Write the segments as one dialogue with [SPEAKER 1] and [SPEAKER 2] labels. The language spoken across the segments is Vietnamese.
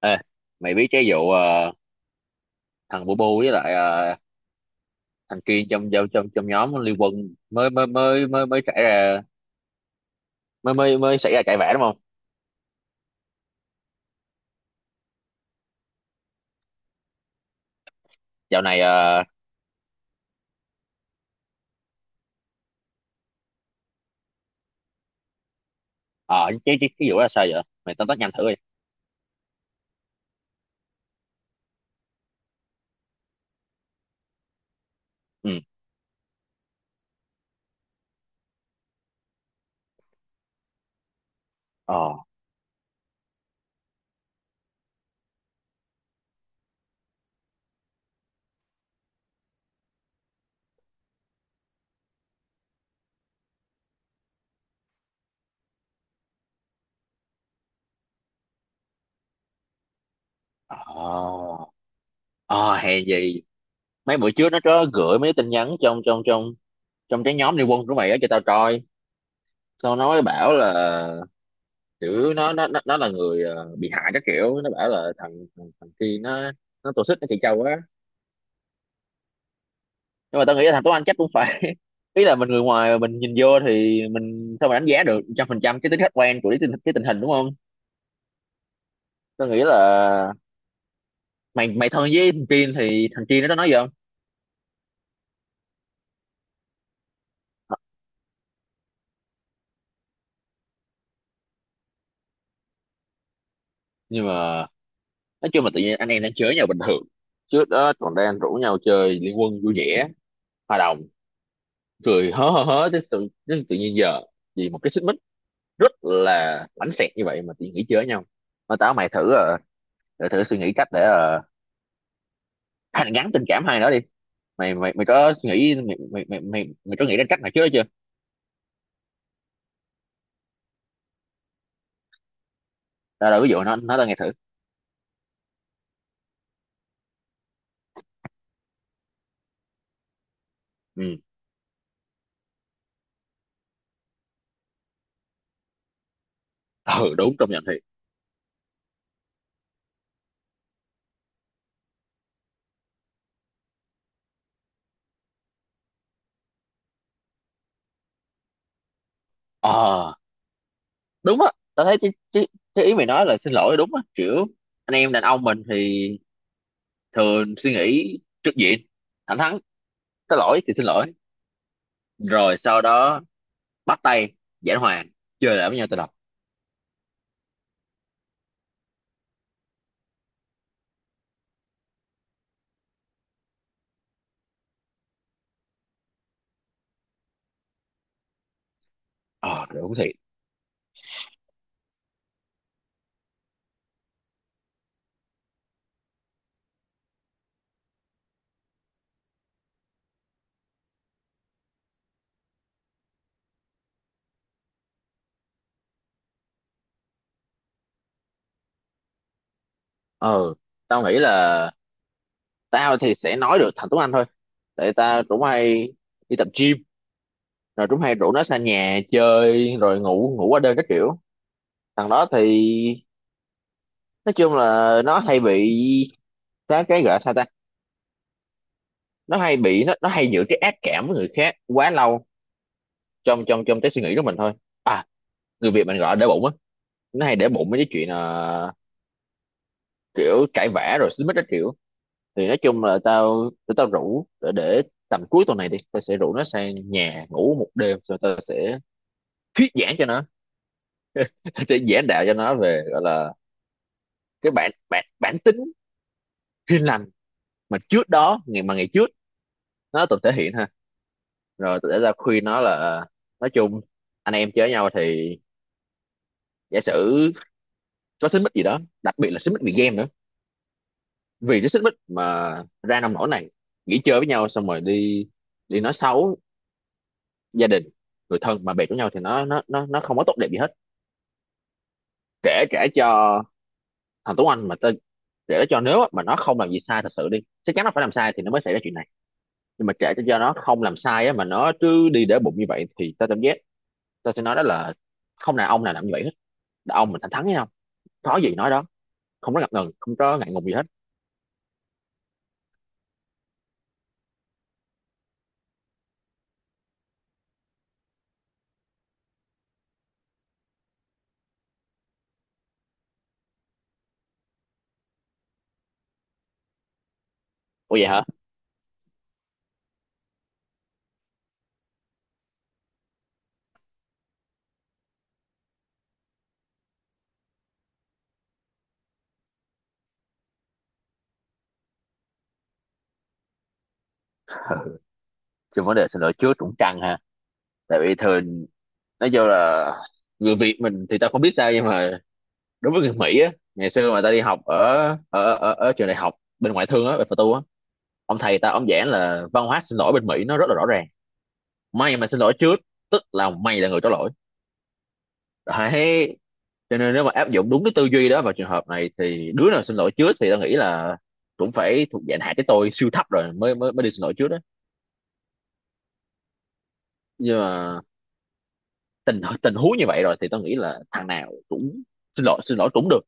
[SPEAKER 1] Ê, mày biết cái vụ thằng Bu Bu với lại thằng Kiên trong trong trong trong nhóm Liên Quân mới mới mới mới mới xảy ra mới mới mới xảy ra cãi vã đúng không? Dạo này ờ, ờ, Cái vụ đó là sao vậy? Mày tóm tắt nhanh thử đi. Ừ. Ờ. Ờ. Ờ, hèn gì mấy bữa trước nó có gửi mấy tin nhắn trong trong trong trong cái nhóm Liên Quân của mày á cho tao coi. Xong nó mới bảo là kiểu nó là người bị hại các kiểu, nó bảo là thằng thằng, thằng Kiên nó tổ chức nó chị Châu á, nhưng mà tao nghĩ là thằng Tuấn Anh chắc cũng phải ý là mình người ngoài mà mình nhìn vô thì mình sao mà đánh giá được 100% cái tính khách quan của cái tình hình đúng không. Tao nghĩ là mày mày thân với thằng Kiên thì thằng Kiên nó có nói gì không. Nhưng mà nói chung là tự nhiên anh em đang chơi với nhau bình thường, trước đó còn đang rủ nhau chơi liên quân vui vẻ, hòa đồng, cười hớ hớ hớ tới tự nhiên giờ vì một cái xích mích rất là bánh xẹt như vậy mà tự nhiên nghỉ chơi với nhau. Mà mày thử, thử suy nghĩ cách để hàn gắn tình cảm hai đó đi. Mày mày mày có nghĩ mày mày mày mày, mày có nghĩ đến cách này trước đó chưa? Tao đâu, ví dụ nó tao nghe thử. Ừ. Ừ, đúng, công nhận thiệt. Ờ, đúng á, tao thấy cái ý mày nói là xin lỗi đúng á, kiểu anh em đàn ông mình thì thường suy nghĩ trước diện, thẳng thắn, có lỗi thì xin lỗi, rồi sau đó bắt tay, giảng hòa, chơi lại với nhau từ đầu. Ờ, đúng thiệt. Ờ, tao nghĩ là tao thì sẽ nói được thành Tuấn Anh thôi, tại tao cũng hay đi tập gym rồi Trúc hay rủ nó sang nhà chơi rồi ngủ ngủ qua đêm các kiểu. Thằng đó thì nói chung là nó hay bị cái gọi là sao ta, nó hay giữ cái ác cảm với người khác quá lâu trong trong trong cái suy nghĩ của mình thôi. À, người Việt mình gọi là để bụng á, nó hay để bụng mấy cái chuyện là kiểu cãi vã rồi xích mích các kiểu. Thì nói chung là tụi tao rủ để tầm cuối tuần này đi, tao sẽ rủ nó sang nhà ngủ một đêm rồi tao sẽ thuyết giảng cho nó. Tao sẽ giảng đạo cho nó về gọi là cái bản bản bản tính hiền lành mà trước đó, ngày trước nó từng thể hiện ha. Rồi tôi đã ra khuyên nó là nói chung anh em chơi với nhau thì giả sử có xích mích gì đó, đặc biệt là xích mích vì game nữa, vì cái xích mích mà ra nông nỗi này, nghỉ chơi với nhau xong rồi đi đi nói xấu gia đình, người thân mà bè của nhau thì nó không có tốt đẹp gì hết. Kể Kể cho thằng Tuấn Anh mà tên, kể cho nếu á, mà nó không làm gì sai thật sự đi, chắc chắn nó phải làm sai thì nó mới xảy ra chuyện này. Nhưng mà kể cho nó không làm sai á, mà nó cứ đi để bụng như vậy thì ta cảm giác tôi sẽ nói đó là không nào ông nào làm như vậy hết. Đàn ông mình thẳng thắn với nhau, nói gì nói đó, không có ngập ngừng, không có ngại ngùng gì hết. Ủa, vậy hả? Chứ vấn đề xin lỗi trước cũng căng ha, tại vì thường nói vô là người Việt mình thì tao không biết sao nhưng mà đối với người Mỹ á, ngày xưa mà tao đi học ở ở trường đại học bên ngoại thương á bên Phật tu á, ông thầy tao ông giảng là văn hóa xin lỗi bên Mỹ nó rất là rõ ràng. Mày mà xin lỗi trước tức là mày là người có lỗi, đấy, cho nên nếu mà áp dụng đúng cái tư duy đó vào trường hợp này thì đứa nào xin lỗi trước thì tao nghĩ là cũng phải thuộc dạng hạ cái tôi siêu thấp rồi mới mới mới đi xin lỗi trước đó. Nhưng mà tình tình huống như vậy rồi thì tao nghĩ là thằng nào cũng xin lỗi, xin lỗi cũng được,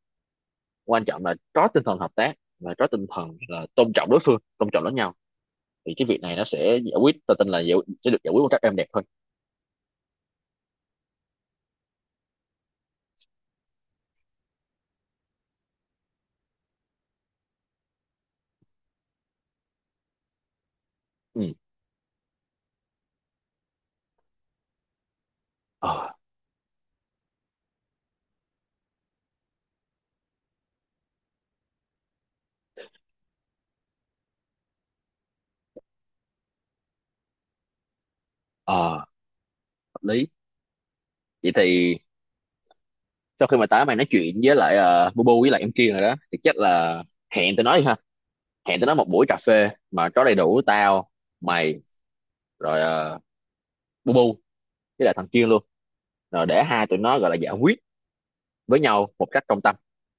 [SPEAKER 1] quan trọng là có tinh thần hợp tác và có tinh thần là tôn trọng đối phương, tôn trọng lẫn nhau thì cái việc này nó sẽ giải quyết, tao tin là sẽ được giải quyết một cách êm đẹp hơn. Ừ. Ờ. Ờ, hợp lý. Vậy thì sau khi mà mày nói chuyện với lại Bubu với lại em kia rồi đó thì chắc là hẹn tụi nó đi ha, hẹn tụi nó một buổi cà phê mà có đầy đủ tao, mày, rồi bu bu với lại thằng Kiên luôn, rồi để hai tụi nó gọi là giải quyết với nhau một cách công tâm,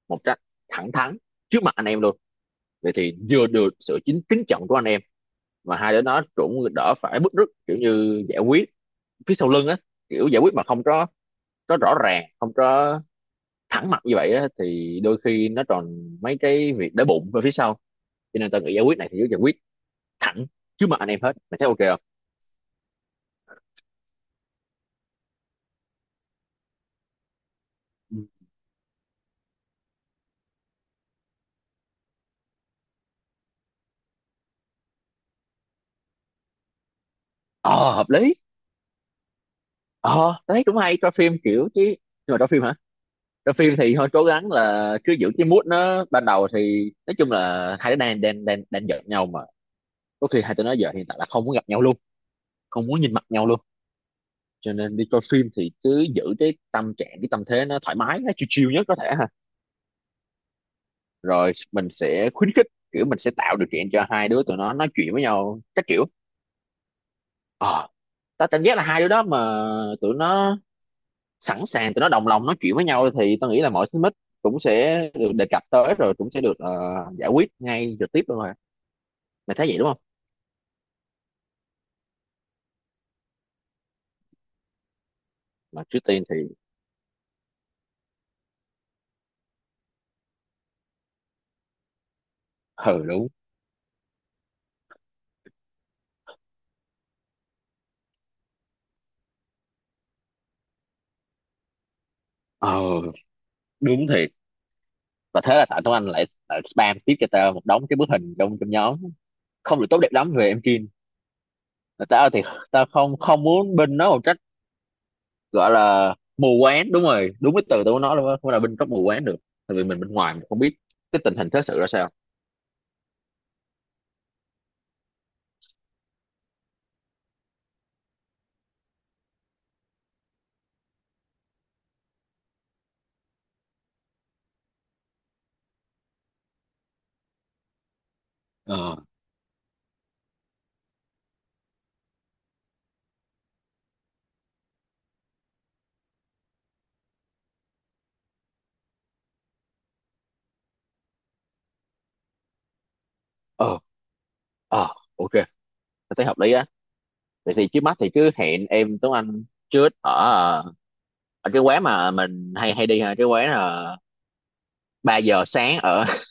[SPEAKER 1] một cách thẳng thắn, trước mặt anh em luôn. Vậy thì vừa được sự chính kính trọng của anh em, mà hai đứa nó cũng đỡ phải bứt rứt kiểu như giải quyết phía sau lưng á, kiểu giải quyết mà không có, có rõ ràng, không có thẳng mặt như vậy á thì đôi khi nó còn mấy cái việc đói bụng ở phía sau, cho nên tao nghĩ giải quyết này thì cứ giải quyết thẳng trước mặt anh em hết. Mày thấy ok không? Ờ, hợp lý. Ờ, đấy cũng hay cho phim kiểu chứ, nhưng mà cho phim hả? Cho phim thì thôi, cố gắng là cứ giữ cái mood nó ban đầu, thì nói chung là hai đứa đang đang đang đang giận nhau mà, có khi hai tụi nó giờ hiện tại là không muốn gặp nhau luôn, không muốn nhìn mặt nhau luôn, cho nên đi coi phim thì cứ giữ cái tâm trạng, cái tâm thế nó thoải mái, nó chill chill nhất có thể ha. Rồi mình sẽ khuyến khích, kiểu mình sẽ tạo điều kiện cho hai đứa tụi nó nói chuyện với nhau các kiểu. ờ Tao cảm giác là hai đứa đó mà tụi nó sẵn sàng, tụi nó đồng lòng nói chuyện với nhau thì tôi nghĩ là mọi xích mích cũng sẽ được đề cập tới, rồi cũng sẽ được giải quyết ngay trực tiếp luôn rồi. Mày thấy vậy đúng không? Mà trước tiên thì... Ừ, đúng. Ờ, đúng thiệt, và thế là tại Tuấn Anh lại spam tiếp cho tao một đống cái bức hình trong trong nhóm không được tốt đẹp lắm về em Kim. Mà tao thì tao không không muốn binh nó một trách, gọi là mù quáng, đúng rồi, đúng cái từ tao muốn nói luôn á, không là binh có mù quáng được, tại vì mình bên ngoài mình không biết cái tình hình thế sự ra sao. ờ ờ ờ ok, tao thấy hợp lý á. Vậy thì trước mắt thì cứ hẹn em Tuấn Anh trước ở ở cái quán mà mình hay hay đi ha, cái quán là 3 giờ sáng ở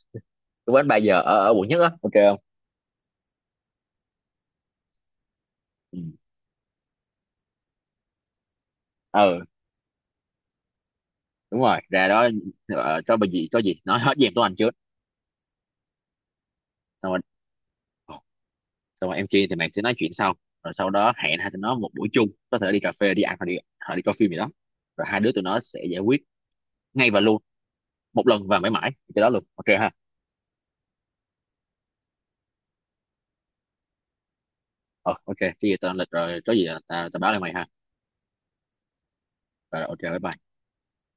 [SPEAKER 1] cái quán 3 giờ ở quận nhất á, ok không? Ừ. Ừ, đúng rồi, ra đó, cho bà gì có gì nói hết với em Tuấn Anh trước. Xong rồi ờ, xong rồi em kia thì mày sẽ nói chuyện sau, rồi sau đó hẹn hai tụi nó một buổi chung, có thể đi cà phê, đi ăn, hoặc đi coi phim gì đó, rồi hai đứa tụi nó sẽ giải quyết ngay và luôn, một lần và mãi mãi cái đó luôn, ok ha? Ờ, ok, cái gì tao lên lịch rồi có gì là tao tao báo lại mày ha. Rồi ok, bye bye.